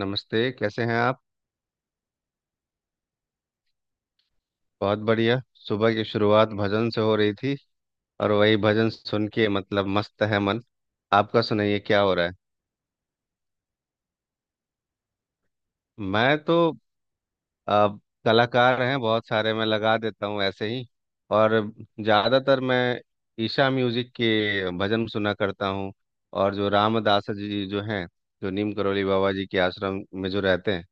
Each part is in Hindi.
नमस्ते, कैसे हैं आप। बहुत बढ़िया। सुबह की शुरुआत भजन से हो रही थी और वही भजन सुन के मतलब मस्त है मन। आपका सुनाइए क्या हो रहा है। मैं तो आ, कलाकार हैं बहुत सारे, मैं लगा देता हूँ ऐसे ही। और ज़्यादातर मैं ईशा म्यूज़िक के भजन सुना करता हूँ। और जो रामदास जी जो हैं, जो नीम करोली बाबा जी के आश्रम में जो रहते हैं,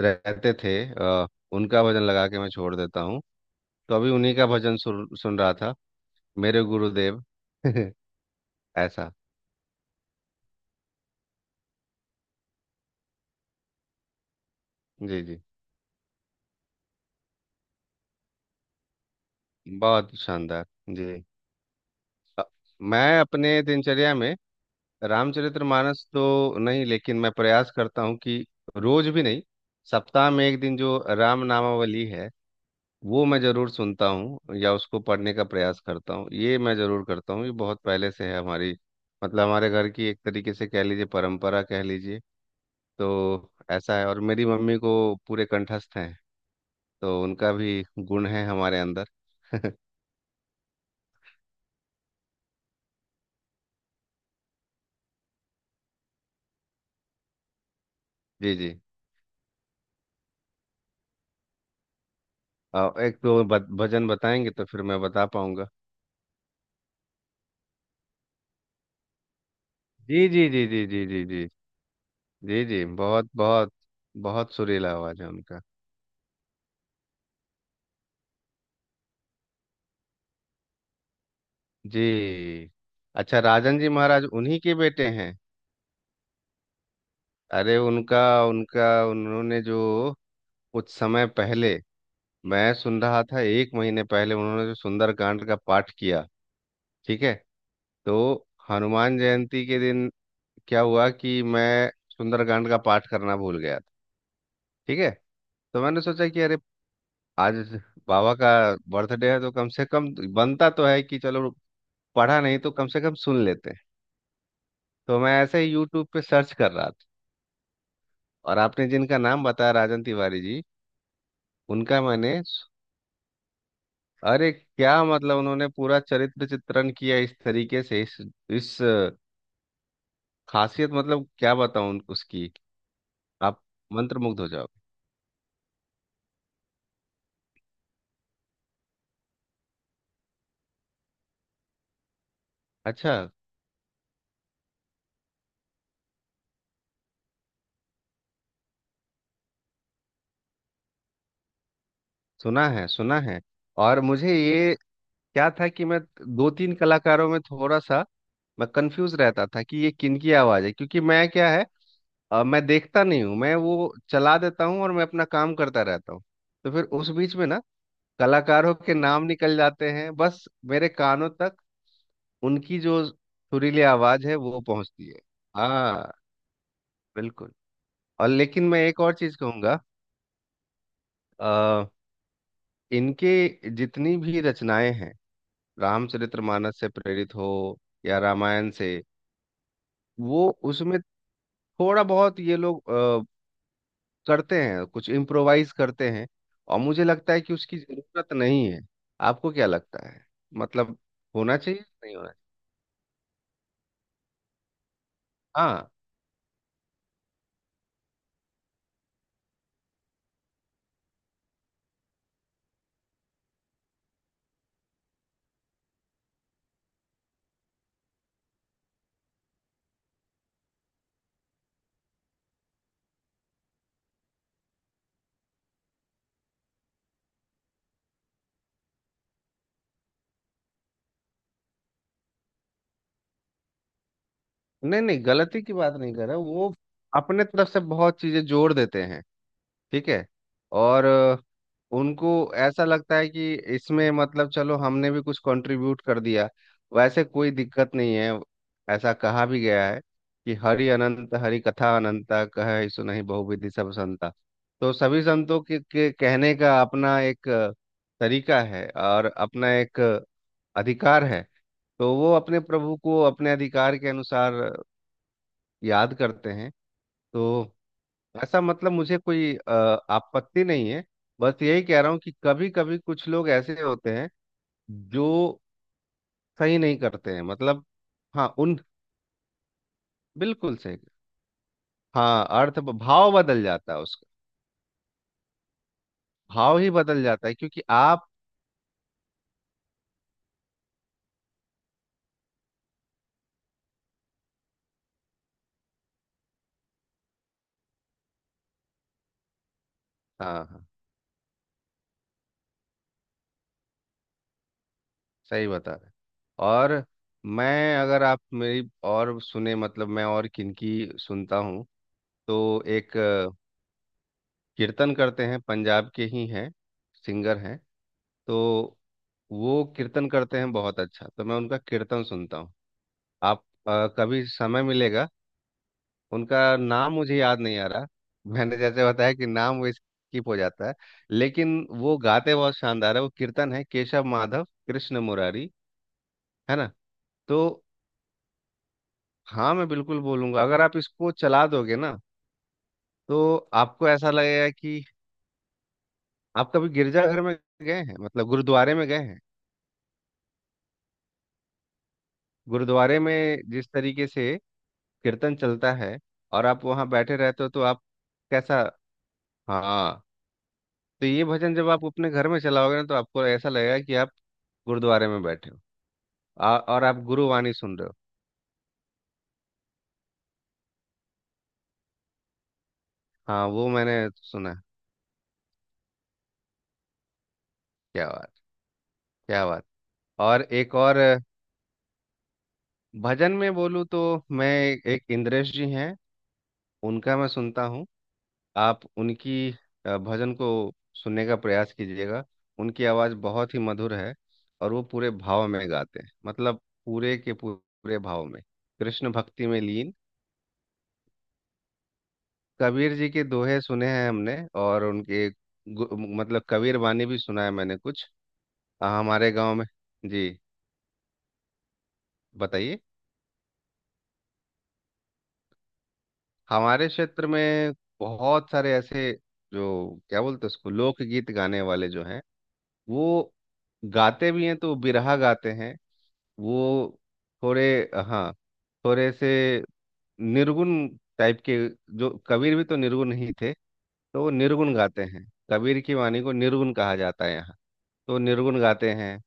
रहते थे, उनका भजन लगा के मैं छोड़ देता हूँ। तो अभी उन्हीं का भजन सुन सुन रहा था, मेरे गुरुदेव। ऐसा। जी जी, बहुत शानदार। जी। अ, मैं अपने दिनचर्या में रामचरितमानस तो नहीं, लेकिन मैं प्रयास करता हूँ कि रोज भी नहीं, सप्ताह में एक दिन जो राम नामावली है वो मैं जरूर सुनता हूँ या उसको पढ़ने का प्रयास करता हूँ। ये मैं जरूर करता हूँ, ये बहुत पहले से है हमारी, मतलब हमारे घर की एक तरीके से कह लीजिए, परंपरा कह लीजिए। तो ऐसा है। और मेरी मम्मी को पूरे कंठस्थ हैं, तो उनका भी गुण है हमारे अंदर। जी जी। एक तो भजन बताएंगे तो फिर मैं बता पाऊंगा। जी जी जी जी जी जी जी। जी जी, बहुत बहुत। बहुत सुरीला आवाज है उनका। जी। अच्छा, राजन जी महाराज उन्हीं के बेटे हैं। अरे, उनका उनका उन्होंने जो कुछ समय पहले, मैं सुन रहा था एक महीने पहले, उन्होंने जो सुंदरकांड का पाठ किया, ठीक है, तो हनुमान जयंती के दिन क्या हुआ कि मैं सुंदरकांड का पाठ करना भूल गया था। ठीक है। तो मैंने सोचा कि अरे, आज बाबा का बर्थडे है, तो कम से कम बनता तो है कि चलो, पढ़ा नहीं तो कम से कम सुन लेते हैं। तो मैं ऐसे ही यूट्यूब पे सर्च कर रहा था, और आपने जिनका नाम बताया, राजन तिवारी जी, उनका मैंने, अरे क्या मतलब, उन्होंने पूरा चरित्र चित्रण किया इस तरीके से, इस खासियत, मतलब क्या बताऊं उसकी। आप मंत्रमुग्ध हो जाओगे। अच्छा। सुना है, सुना है। और मुझे ये क्या था कि मैं दो तीन कलाकारों में थोड़ा सा मैं कंफ्यूज रहता था कि ये किनकी आवाज है, क्योंकि मैं, क्या है, मैं देखता नहीं हूँ, मैं वो चला देता हूँ और मैं अपना काम करता रहता हूँ। तो फिर उस बीच में ना कलाकारों के नाम निकल जाते हैं बस, मेरे कानों तक उनकी जो सुरीली आवाज है वो पहुंचती है। हाँ, बिल्कुल। और लेकिन मैं एक और चीज कहूंगा, आ, इनके जितनी भी रचनाएं हैं रामचरितमानस से प्रेरित हो या रामायण से, वो उसमें थोड़ा बहुत ये लोग करते हैं, कुछ इम्प्रोवाइज करते हैं। और मुझे लगता है कि उसकी जरूरत नहीं है। आपको क्या लगता है, मतलब, होना चाहिए नहीं होना चाहिए। हाँ। नहीं नहीं, गलती की बात नहीं कर रहा, वो अपने तरफ से बहुत चीजें जोड़ देते हैं। ठीक है। और उनको ऐसा लगता है कि इसमें मतलब चलो हमने भी कुछ कंट्रीब्यूट कर दिया। वैसे कोई दिक्कत नहीं है, ऐसा कहा भी गया है कि हरि अनंत हरि कथा अनंता, कहे सो नहीं बहुविधि सब संता। तो सभी संतों के कहने का अपना एक तरीका है, और अपना एक अधिकार है। तो वो अपने प्रभु को अपने अधिकार के अनुसार याद करते हैं। तो ऐसा, मतलब मुझे कोई आपत्ति नहीं है। बस यही कह रहा हूँ कि कभी कभी कुछ लोग ऐसे होते हैं जो सही नहीं करते हैं, मतलब। हाँ उन, बिल्कुल सही। हाँ, अर्थ भाव बदल जाता है उसका, भाव ही बदल जाता है, क्योंकि आप, हाँ हाँ, सही बता रहे हैं। और मैं, अगर आप मेरी और सुने, मतलब मैं और किनकी सुनता हूँ, तो एक कीर्तन करते हैं, पंजाब के ही हैं, सिंगर हैं। तो वो कीर्तन करते हैं बहुत अच्छा, तो मैं उनका कीर्तन सुनता हूँ। आप कभी समय मिलेगा, उनका नाम मुझे याद नहीं आ रहा। मैंने जैसे बताया कि नाम वो स्किप हो जाता है। लेकिन वो गाते बहुत शानदार है, वो कीर्तन है केशव माधव कृष्ण मुरारी, है ना। तो हाँ, मैं बिल्कुल बोलूंगा, अगर आप इसको चला दोगे ना, तो आपको ऐसा लगेगा कि आप कभी गिरजाघर में गए हैं, मतलब गुरुद्वारे में गए हैं। गुरुद्वारे में जिस तरीके से कीर्तन चलता है और आप वहाँ बैठे रहते हो, तो आप कैसा, हाँ, तो ये भजन जब आप अपने घर में चलाओगे ना, तो आपको ऐसा लगेगा कि आप गुरुद्वारे में बैठे हो। और आप गुरुवाणी सुन रहे हो। हाँ वो मैंने सुना है। क्या बात, क्या बात। और एक और भजन में बोलूँ तो, मैं, एक इंद्रेश जी हैं, उनका मैं सुनता हूँ। आप उनकी भजन को सुनने का प्रयास कीजिएगा। उनकी आवाज़ बहुत ही मधुर है, और वो पूरे भाव में गाते हैं, मतलब पूरे के पूरे भाव में, कृष्ण भक्ति में लीन। कबीर जी के दोहे सुने हैं हमने, और उनके मतलब कबीर वाणी भी सुना है मैंने कुछ। हमारे गांव में। जी, बताइए। हमारे क्षेत्र में बहुत सारे ऐसे, जो क्या बोलते हैं उसको, लोकगीत गाने वाले जो हैं, वो गाते भी हैं तो बिरहा गाते हैं, वो थोड़े, हाँ, थोड़े से निर्गुण टाइप के। जो कबीर भी तो निर्गुण ही थे, तो वो निर्गुण गाते हैं। कबीर की वाणी को निर्गुण कहा जाता है यहाँ। तो निर्गुण गाते हैं,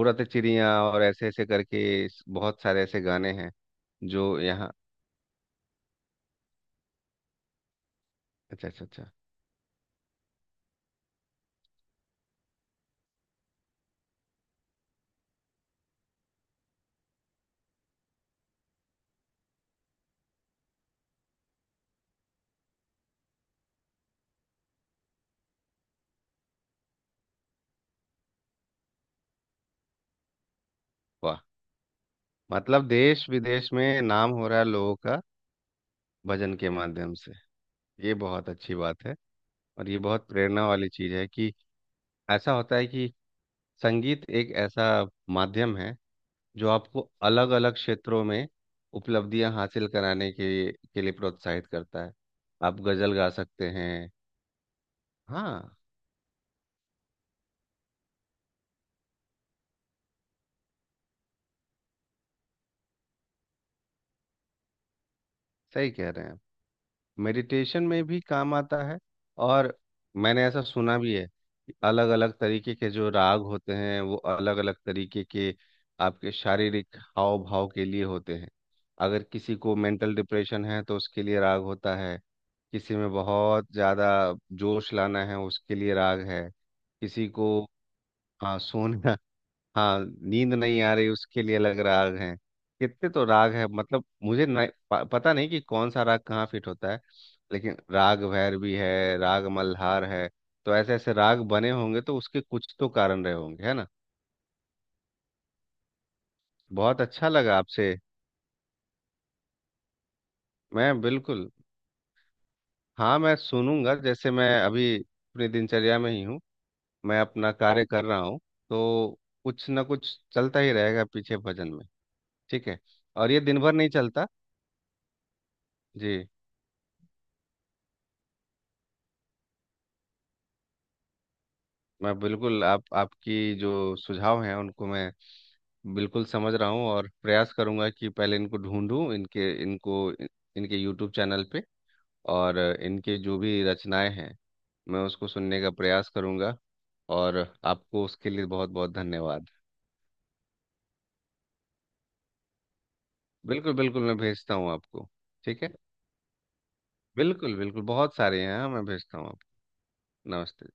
उड़त चिड़िया और ऐसे ऐसे करके बहुत सारे ऐसे गाने हैं जो यहाँ। अच्छा अच्छा अच्छा। वाह, मतलब देश विदेश में नाम हो रहा है लोगों का भजन के माध्यम से। ये बहुत अच्छी बात है। और ये बहुत प्रेरणा वाली चीज है कि ऐसा होता है कि संगीत एक ऐसा माध्यम है जो आपको अलग अलग क्षेत्रों में उपलब्धियां हासिल कराने के लिए प्रोत्साहित करता है। आप गजल गा सकते हैं। हाँ, सही कह रहे हैं आप। मेडिटेशन में भी काम आता है। और मैंने ऐसा सुना भी है कि अलग अलग तरीके के जो राग होते हैं वो अलग अलग तरीके के आपके शारीरिक हाव भाव के लिए होते हैं। अगर किसी को मेंटल डिप्रेशन है तो उसके लिए राग होता है। किसी में बहुत ज़्यादा जोश लाना है उसके लिए राग है। किसी को, हाँ, सोना, हाँ, नींद नहीं आ रही उसके लिए अलग राग हैं। कितने तो राग है, मतलब मुझे नहीं, पता नहीं कि कौन सा राग कहाँ फिट होता है, लेकिन राग भैरवी है, राग मल्हार है। तो ऐसे ऐसे राग बने होंगे तो उसके कुछ तो कारण रहे होंगे, है ना। बहुत अच्छा लगा आपसे। मैं बिल्कुल, हाँ मैं सुनूंगा। जैसे मैं अभी अपनी दिनचर्या में ही हूँ, मैं अपना कार्य कर रहा हूँ, तो कुछ ना कुछ चलता ही रहेगा पीछे भजन में। ठीक है, और ये दिन भर नहीं चलता। जी, मैं बिल्कुल, आप, आपकी जो सुझाव हैं उनको मैं बिल्कुल समझ रहा हूँ, और प्रयास करूंगा कि पहले इनको ढूंढूं, इनके, इनको, इनके यूट्यूब चैनल पे, और इनके जो भी रचनाएं हैं, मैं उसको सुनने का प्रयास करूंगा। और आपको उसके लिए बहुत बहुत धन्यवाद। बिल्कुल बिल्कुल, मैं भेजता हूँ आपको। ठीक है, बिल्कुल बिल्कुल, बहुत सारे हैं, हाँ मैं भेजता हूँ आपको। नमस्ते।